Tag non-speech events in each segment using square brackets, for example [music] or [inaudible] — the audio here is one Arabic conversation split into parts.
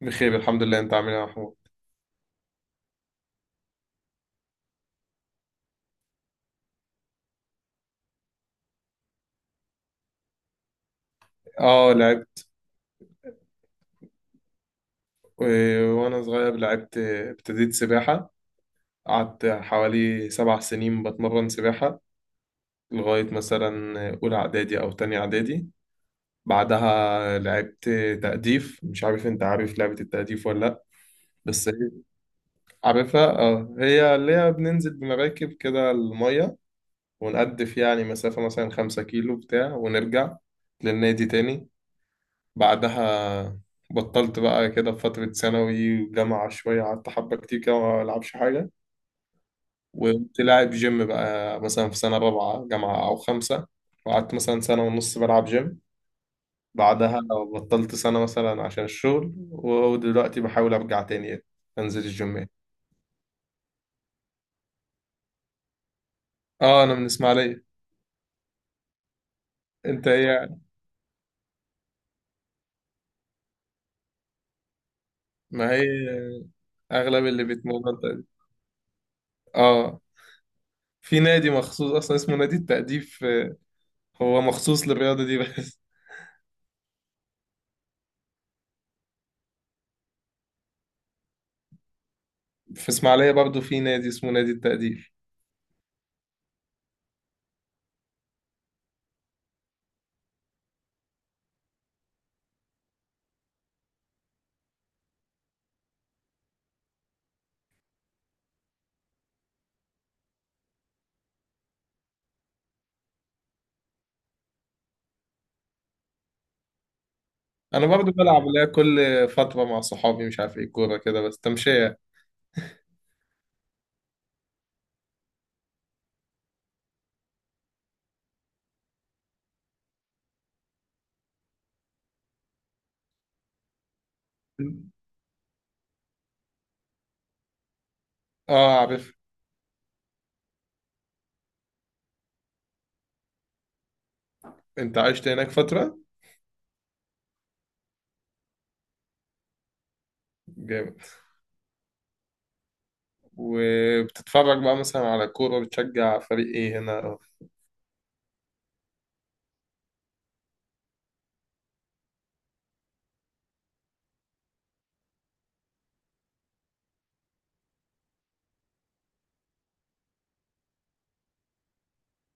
بخير الحمد لله. انت عامل ايه يا محمود؟ اه لعبت. وانا صغير لعبت، ابتديت سباحة. قعدت حوالي 7 سنين بتمرن سباحة لغاية مثلا أولى إعدادي أو تانية إعدادي. بعدها لعبت تأديف. مش عارف انت عارف لعبة التأديف ولا لأ. بس هي- عارفها اه. هي اللي هي بننزل بمراكب كده المية ونقدف يعني مسافة مثلا 5 كيلو بتاع ونرجع للنادي تاني. بعدها بطلت بقى كده في فترة ثانوي وجامعة شوية، قعدت حبة كتير كده ما ألعبش حاجة. وكنت لاعب جيم بقى مثلا في سنة رابعة جامعة أو خمسة، وقعدت مثلا سنة ونص بلعب جيم. بعدها بطلت سنة مثلا عشان الشغل، ودلوقتي بحاول أرجع تاني أنزل الجيم يعني. اه أنا من إسماعيلية. أنت إيه يعني؟ ما هي أغلب اللي بيتمرن تقديم اه. في نادي مخصوص أصلا اسمه نادي التأديب. هو مخصوص للرياضة دي بس. في اسماعيليه برضو في نادي اسمه نادي التقدير. انا برضو بلعب اللي هي كل فتره مع صحابي، مش عارف ايه، كوره كده بس تمشيه. اه عارف. انت عشت هناك فتره؟ جامد. وبتتفرج بقى مثلا على كوره؟ بتشجع فريق ايه هنا؟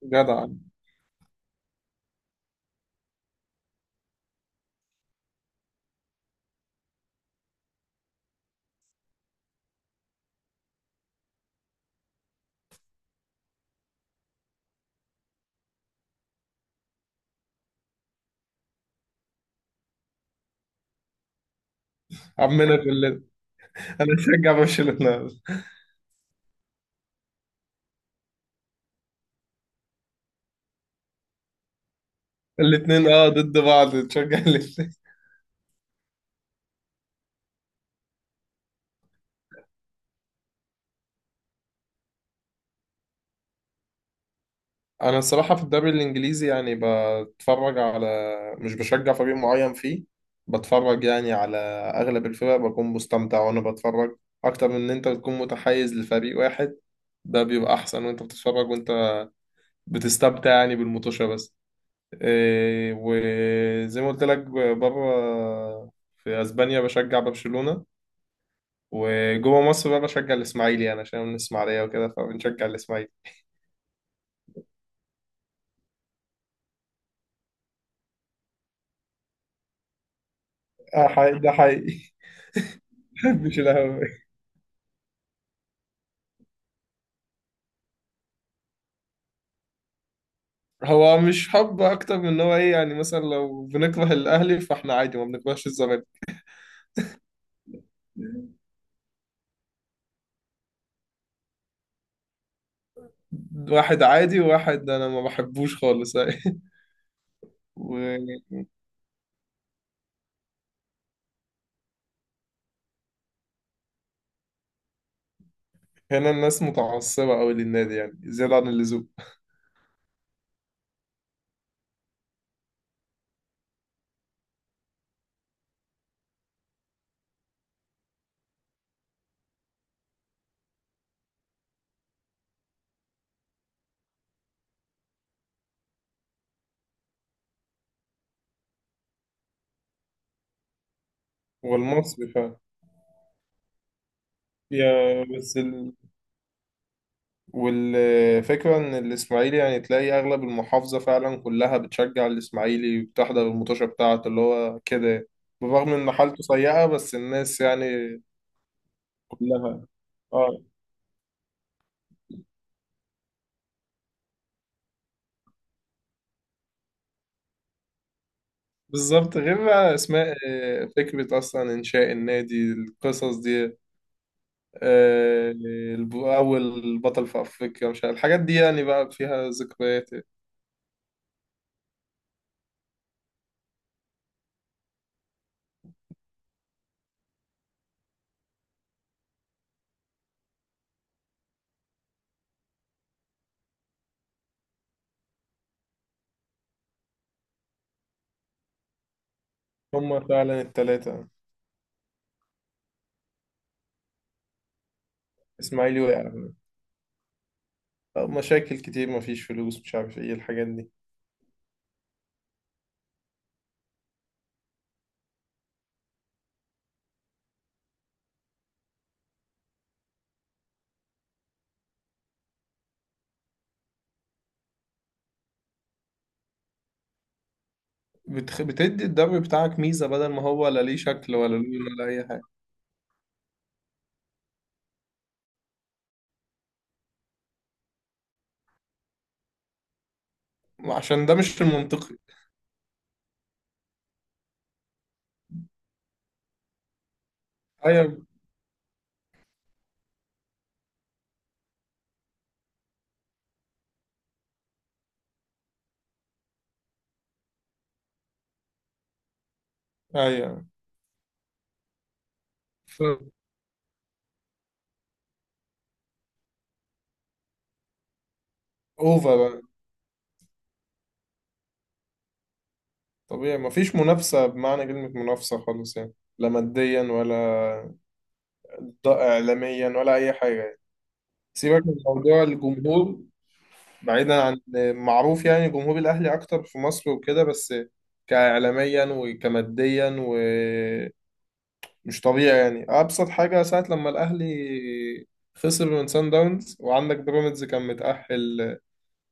جدع. عمنا كلنا. انا بشجع برشلونه. الاثنين اه ضد بعض، تشجع ليه؟ انا الصراحه في الدوري الانجليزي يعني بتفرج على، مش بشجع فريق معين فيه. بتفرج يعني على اغلب الفرق، بكون مستمتع وانا بتفرج، اكتر من ان انت تكون متحيز لفريق واحد. ده بيبقى احسن وانت بتتفرج وانت بتستمتع يعني بالمطوشه بس. إيه وزي ما قلت لك، بره في اسبانيا بشجع برشلونه، وجوه مصر بقى بشجع الاسماعيلي انا عشان من الاسماعيليه وكده، فبنشجع الاسماعيلي. اه حقيقي، ده حقيقي. [laughs] مش الاهلي. هو مش حب، اكتر من ان هو ايه يعني، مثلا لو بنكره الاهلي فاحنا عادي ما بنكرهش الزمالك. واحد عادي وواحد انا ما بحبوش خالص. [laughs] وهنا الناس متعصبة قوي للنادي يعني زيادة عن اللزوم. والمصري فعلا. يا بس ال... والفكرة إن الإسماعيلي يعني تلاقي أغلب المحافظة فعلا كلها بتشجع الإسماعيلي وبتحضر المطوشة بتاعته اللي هو كده، بالرغم إن حالته سيئة بس الناس يعني كلها آه. بالظبط. غير بقى اسماء، فكرة اصلا انشاء النادي، القصص دي آه. اول بطل في افريقيا مش عارف، الحاجات دي يعني بقى فيها ذكريات. هما فعلا التلاتة. اسماعيلي وقع. مشاكل كتير، مفيش فلوس، مش عارف ايه الحاجات دي. بتدي الدوري بتاعك ميزة، بدل ما هو لا ليه شكل ولا لون ولا اي حاجة. عشان ده مش المنطقي. ايوه. ايوه. ف... اوفر بقى. طبيعي مفيش منافسة بمعنى كلمة منافسة خالص يعني، لا ماديا ولا ضاء إعلاميا ولا أي حاجة. سيبك من موضوع الجمهور، بعيدا عن، معروف يعني جمهور الأهلي أكتر في مصر وكده، بس كإعلاميا وكماديا ومش طبيعي يعني. أبسط حاجة ساعة لما الأهلي خسر من سان داونز وعندك بيراميدز كان متأهل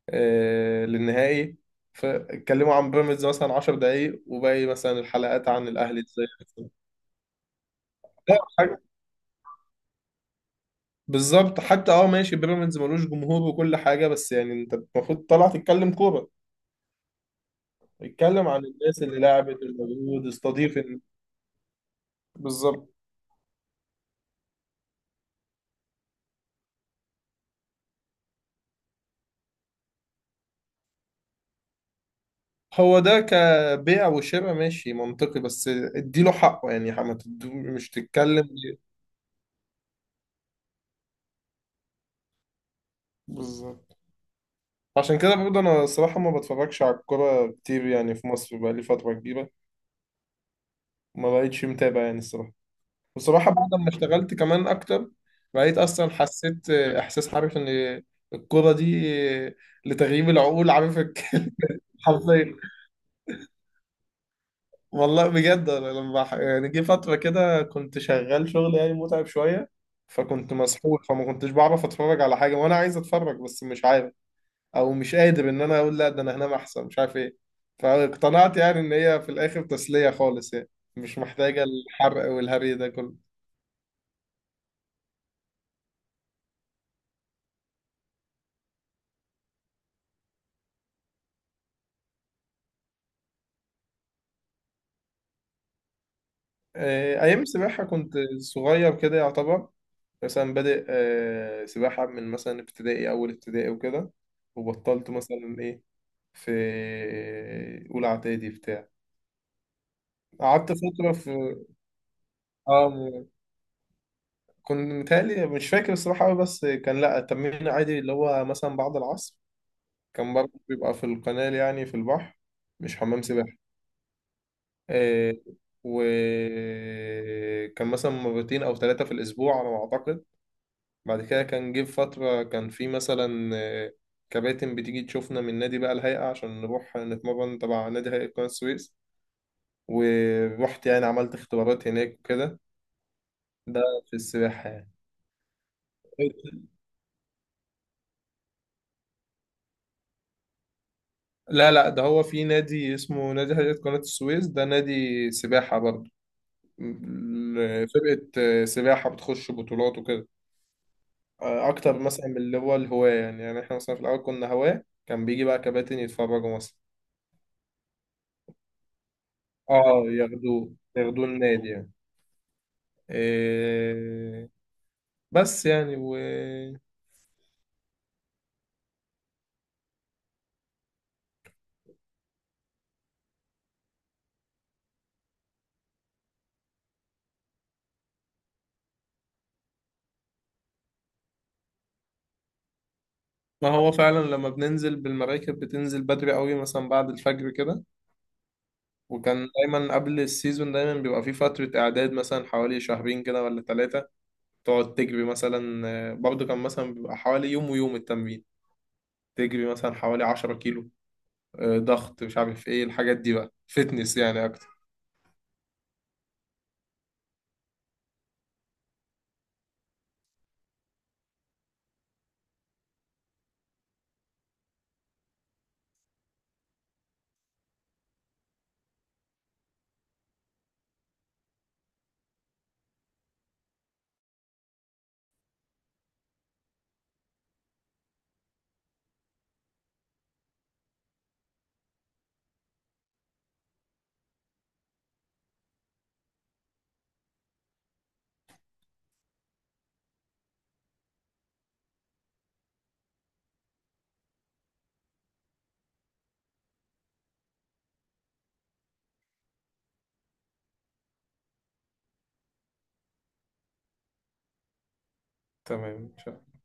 للنهائي، فاتكلموا عن بيراميدز مثلا 10 دقايق وباقي مثلا الحلقات عن الأهلي ازاي خسر. بالظبط. حتى اه ماشي بيراميدز ملوش جمهور وكل حاجه، بس يعني انت المفروض طالع تتكلم كوره، اتكلم عن الناس اللي لعبت المجهود، بالظبط. هو ده كبيع وشراء ماشي منطقي، بس اديله حقه يعني. ما تدو- مش تتكلم. بالظبط. عشان كده برضه انا الصراحه ما بتفرجش على الكوره كتير يعني. في مصر بقالي فتره كبيره ما بقتش متابع يعني الصراحه. بصراحة بعد ما اشتغلت كمان أكتر بقيت أصلا حسيت إحساس، عارف إن الكرة دي لتغييب العقول، [laughs] حرفيا. والله بجد أنا لما يعني جه فترة كده كنت شغال شغل يعني متعب شوية، فكنت مسحول، فما كنتش بعرف أتفرج على حاجة وأنا عايز أتفرج بس مش عارف، أو مش قادر إن أنا أقول لا ده أنا هنام أحسن مش عارف إيه. فاقتنعت يعني إن هي في الآخر تسلية خالص يعني، مش محتاجة الحرق والهري ده كله. أيام السباحة كنت صغير كده يعتبر. مثلا بادئ سباحة من مثلا ابتدائي، أول ابتدائي وكده. وبطلت مثلا إيه في أولى إعدادي بتاع. قعدت فترة في آه م- كنت متهيألي مش فاكر الصراحة أوي، بس كان لأ التمرين عادي اللي هو مثلا بعد العصر. كان برضه بيبقى في القناة يعني في البحر، مش حمام سباحة آه. وكان مثلا مرتين أو 3 في الأسبوع على ما أعتقد. بعد كده كان جه فترة كان في مثلا كباتن بتيجي تشوفنا من نادي بقى الهيئة، عشان نروح نتمرن تبع نادي هيئة قناة السويس. ورحت يعني عملت اختبارات هناك وكده. ده في السباحة يعني. لا لا ده هو في نادي اسمه نادي هيئة قناة السويس، ده نادي سباحة برضه. فرقة سباحة بتخش بطولات وكده أكتر مثلا من اللي هو الهواة يعني. يعني إحنا مثلا في الأول كنا هواة، كان بيجي بقى كباتن يتفرجوا مثلا. اه ياخدوه ياخدوه النادي يعني. إيه بس يعني و، ما هو فعلا لما بننزل بالمراكب بتنزل بدري قوي مثلا بعد الفجر كده. وكان دايما قبل السيزون دايما بيبقى في فترة إعداد مثلا حوالي شهرين كده ولا 3. تقعد تجري مثلا برضه كان مثلا بيبقى حوالي يوم ويوم التمرين، تجري مثلا حوالي 10 كيلو ضغط مش عارف ايه الحاجات دي بقى، فتنس يعني أكتر. تمام.